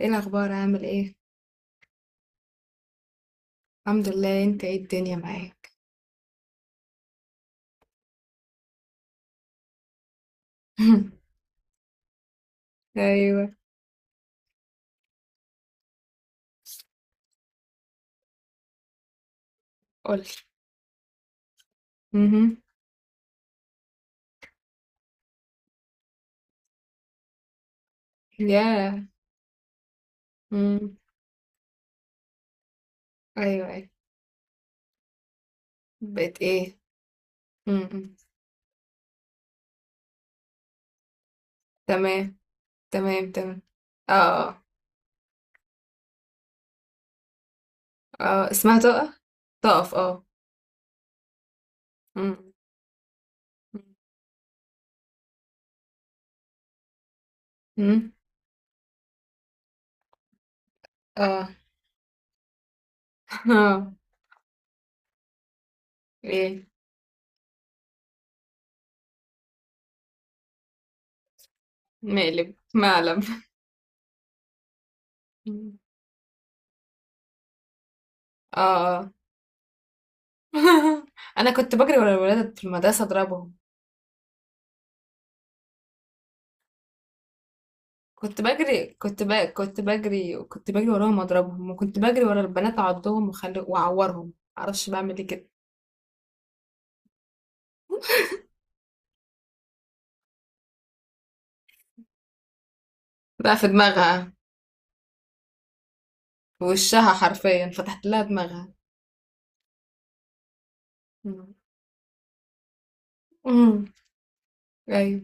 ايه الاخبار عامل ايه؟ الحمد لله، انت؟ ايه الدنيا معاك؟ ايوه. قولي. امم. يا. امم. ايوه ايوه. بقت ايه؟ امم. تمام. تمام تمام. اه. اه. آه. اسمها تقف. تقف، اه. امم. امم. اه. اه. ايه؟ مقلب معلم. اه. آه. انا كنت بجري ورا الولاد في المدرسه اضربهم. كنت بجري، كنت بجري، كنت بجري وراهم اضربهم، وكنت بجري ورا البنات اعضهم واعورهم. معرفش بعمل ايه كده. بقى في دماغها. في وشها حرفيا فتحت لها دماغها. مم. مم. ايوه.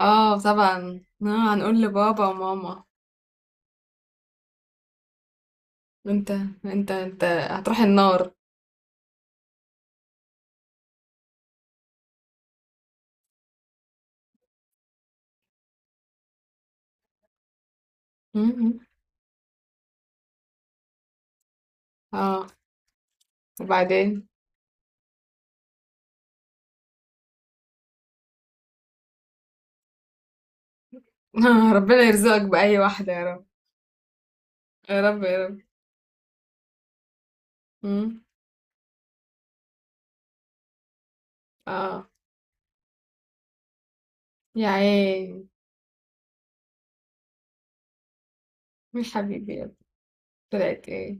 اه طبعا. آه هنقول لبابا وماما. انت انت هتروح النار. مم. اه. وبعدين؟ آه ربنا يرزقك بأي واحدة يا رب. يا رب يا رب. مم. اه. يا عيني. يا حبيبي يا ابني. طلعت ايه؟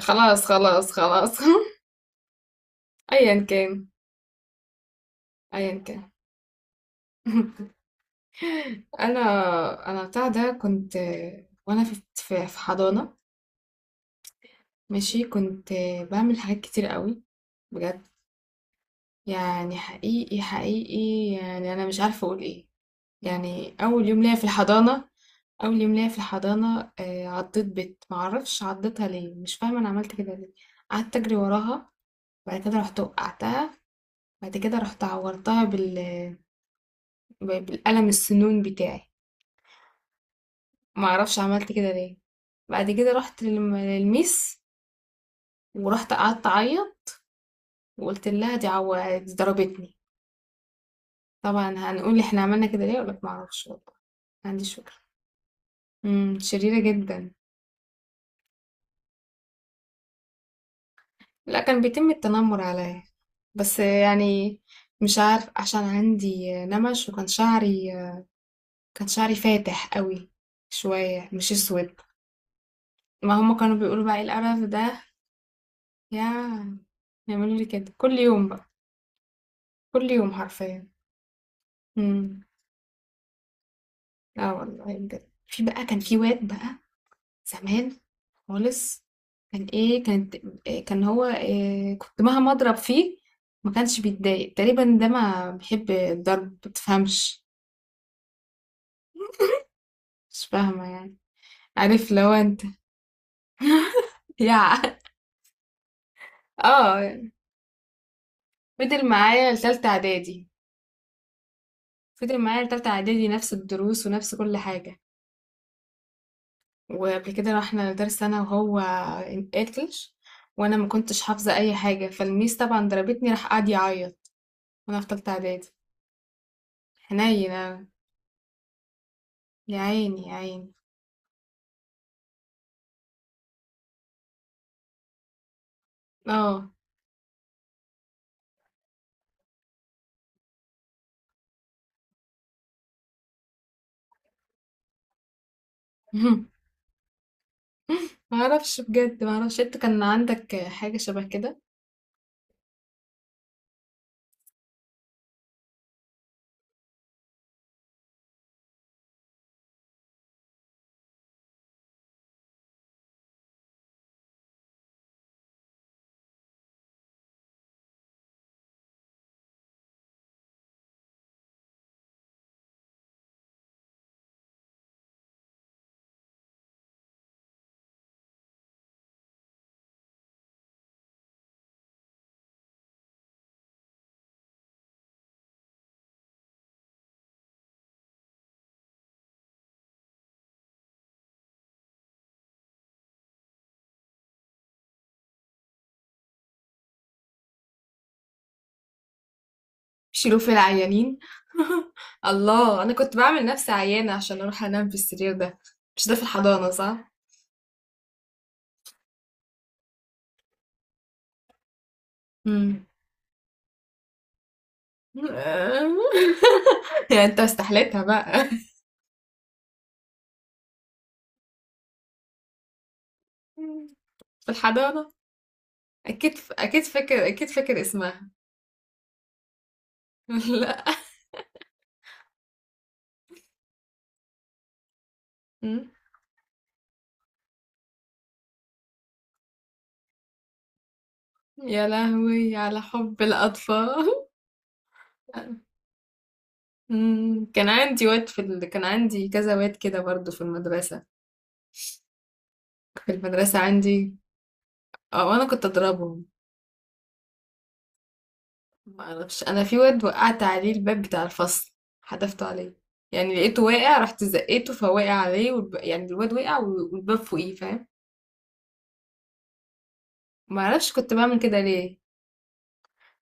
خلاص خلاص خلاص. أيًا كان، أيًا كان. أنا أنا بتاع ده كنت، وأنا في في حضانة. ماشي، كنت باعمل حاجات كتير قوي. بجد، يعني حقيقي، حقيقي، يعني أنا مش عارفة أقول إيه. يعني أول يوم ليا في الحضانة، أول يوم ليا في الحضانة، عضّيت بت معرفش عضّيتها ليه، مش فاهمة أنا عملت كده ليه. قعدت أجري وراها، بعد كده رُحت وقعتها، بعد كده رُحت عورتها بالقلم السنون بتاعي. معرفش عملت كده ليه. بعد كده رحت للميس، ورحت قعدت اعيط وقلت لها: دي ضربتني. طبعا هنقول لي احنا عملنا كده ليه، ولا ما اعرفش والله. ما عنديش فكره. امم. شريره جدا. لا، كان بيتم التنمر عليا، بس يعني مش عارف، عشان عندي نمش وكان شعري، كان شعري فاتح قوي شويه، مش اسود. ما هم كانوا بيقولوا بقى: ايه القرف ده. يا، يعملوا لي كده كل يوم بقى، كل يوم حرفيا. امم. لا والله بجد، في بقى كان في واد بقى، زمان خالص. كان ايه كانت، إيه كان هو إيه، كنت مهما اضرب فيه ما كانش بيتضايق. تقريبا ده ما بيحب الضرب، ما تفهمش. مش فاهمه يعني. عارف لو انت. يا. اه. فضل معايا لتالتة اعدادي. فضل معايا لتالتة اعدادي، نفس الدروس ونفس كل حاجه. وقبل كده رحنا لدرس انا وهو انقلش، وانا ما كنتش حافظه اي حاجه، فالميس طبعا ضربتني، راح قعد يعيط، وانا في تالتة اعدادي. حنين أوي. يا عيني يا عيني. اه. ما اعرفش بجد، ما اعرفش. انت كان عندك حاجة شبه كده؟ بيشيلوه في العيانين؟ الله، انا كنت بعمل نفسي عيانة عشان اروح انام في السرير ده. مش ده في الحضانة، صح؟ امم. يعني انت استحليتها بقى. في الحضانة. اكيد، اكيد فاكر، اكيد فاكر اسمها. لا. أمم. يا لهوي على حب الاطفال. أمم. كان عندي واد كان عندي كذا واد كده برضو في المدرسة، في المدرسة عندي. اه، انا كنت اضربهم. ما اعرفش، انا في واد وقعت عليه الباب بتاع الفصل، حدفته عليه. يعني لقيته واقع رحت زقيته فوقع عليه، يعني الواد وقع والباب فوقيه، فاهم؟ ما اعرفش كنت بعمل كده ليه.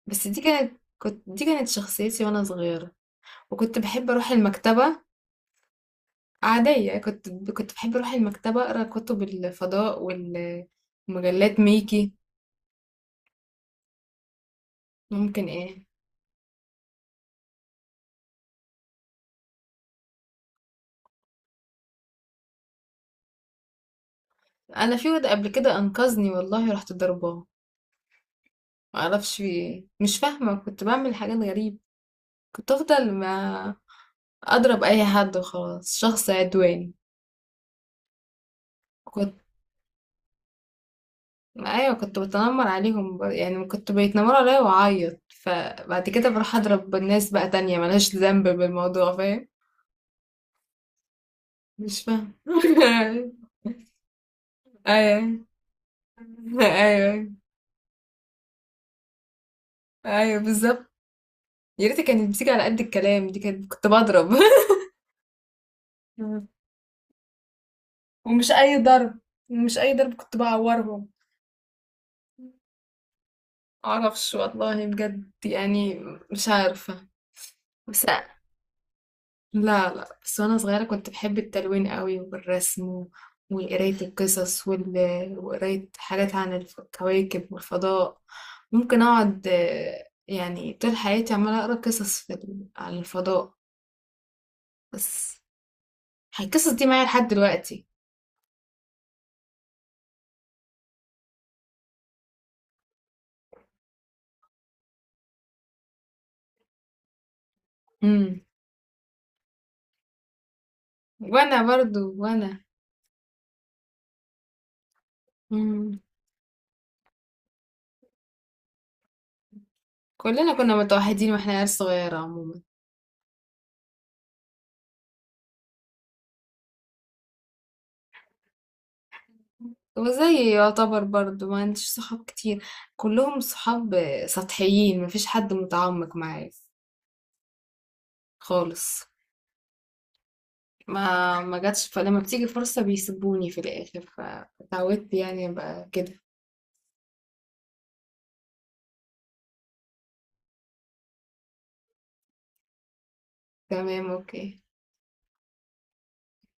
بس دي كانت، دي كانت شخصيتي وانا صغيرة. وكنت بحب اروح المكتبة. عادية، كنت بحب اروح المكتبة اقرا كتب الفضاء ومجلات ميكي. ممكن ايه؟ انا في واد قبل كده انقذني والله رحت ضرباه. معرفش في ايه، مش فاهمة، كنت بعمل حاجات غريبة. كنت افضل ما اضرب اي حد وخلاص. شخص عدواني. كنت، ايوه كنت بتنمر عليهم يعني كنت بيتنمروا عليا واعيط، فبعد كده بروح اضرب الناس بقى تانية ملهاش ذنب بالموضوع، فاهم؟ مش فاهم. ايوه ايوه ايوه، بالظبط. يا ريت كانت بتيجي على قد الكلام، دي كانت كنت بضرب. ومش اي ضرب، مش اي ضرب، كنت بعورهم. معرفش والله، بجد يعني، مش عارفة. بس، لا لا، بس وانا صغيرة كنت بحب التلوين قوي والرسم وقراية القصص وقراية حاجات عن الكواكب والفضاء. ممكن اقعد، يعني طول حياتي عمالة اقرا قصص عن الفضاء. بس القصص دي معايا لحد دلوقتي. امم. وانا برضو وانا. امم. كلنا كنا متوحدين واحنا عيال صغيرة عموما. وزي يعتبر برضه ما عنديش صحاب كتير. كلهم صحاب سطحيين، مفيش حد متعمق معايا خالص. ما جاتش، فلما بتيجي فرصة بيسيبوني في الآخر، فتعودت يعني ابقى كده. تمام، اوكي.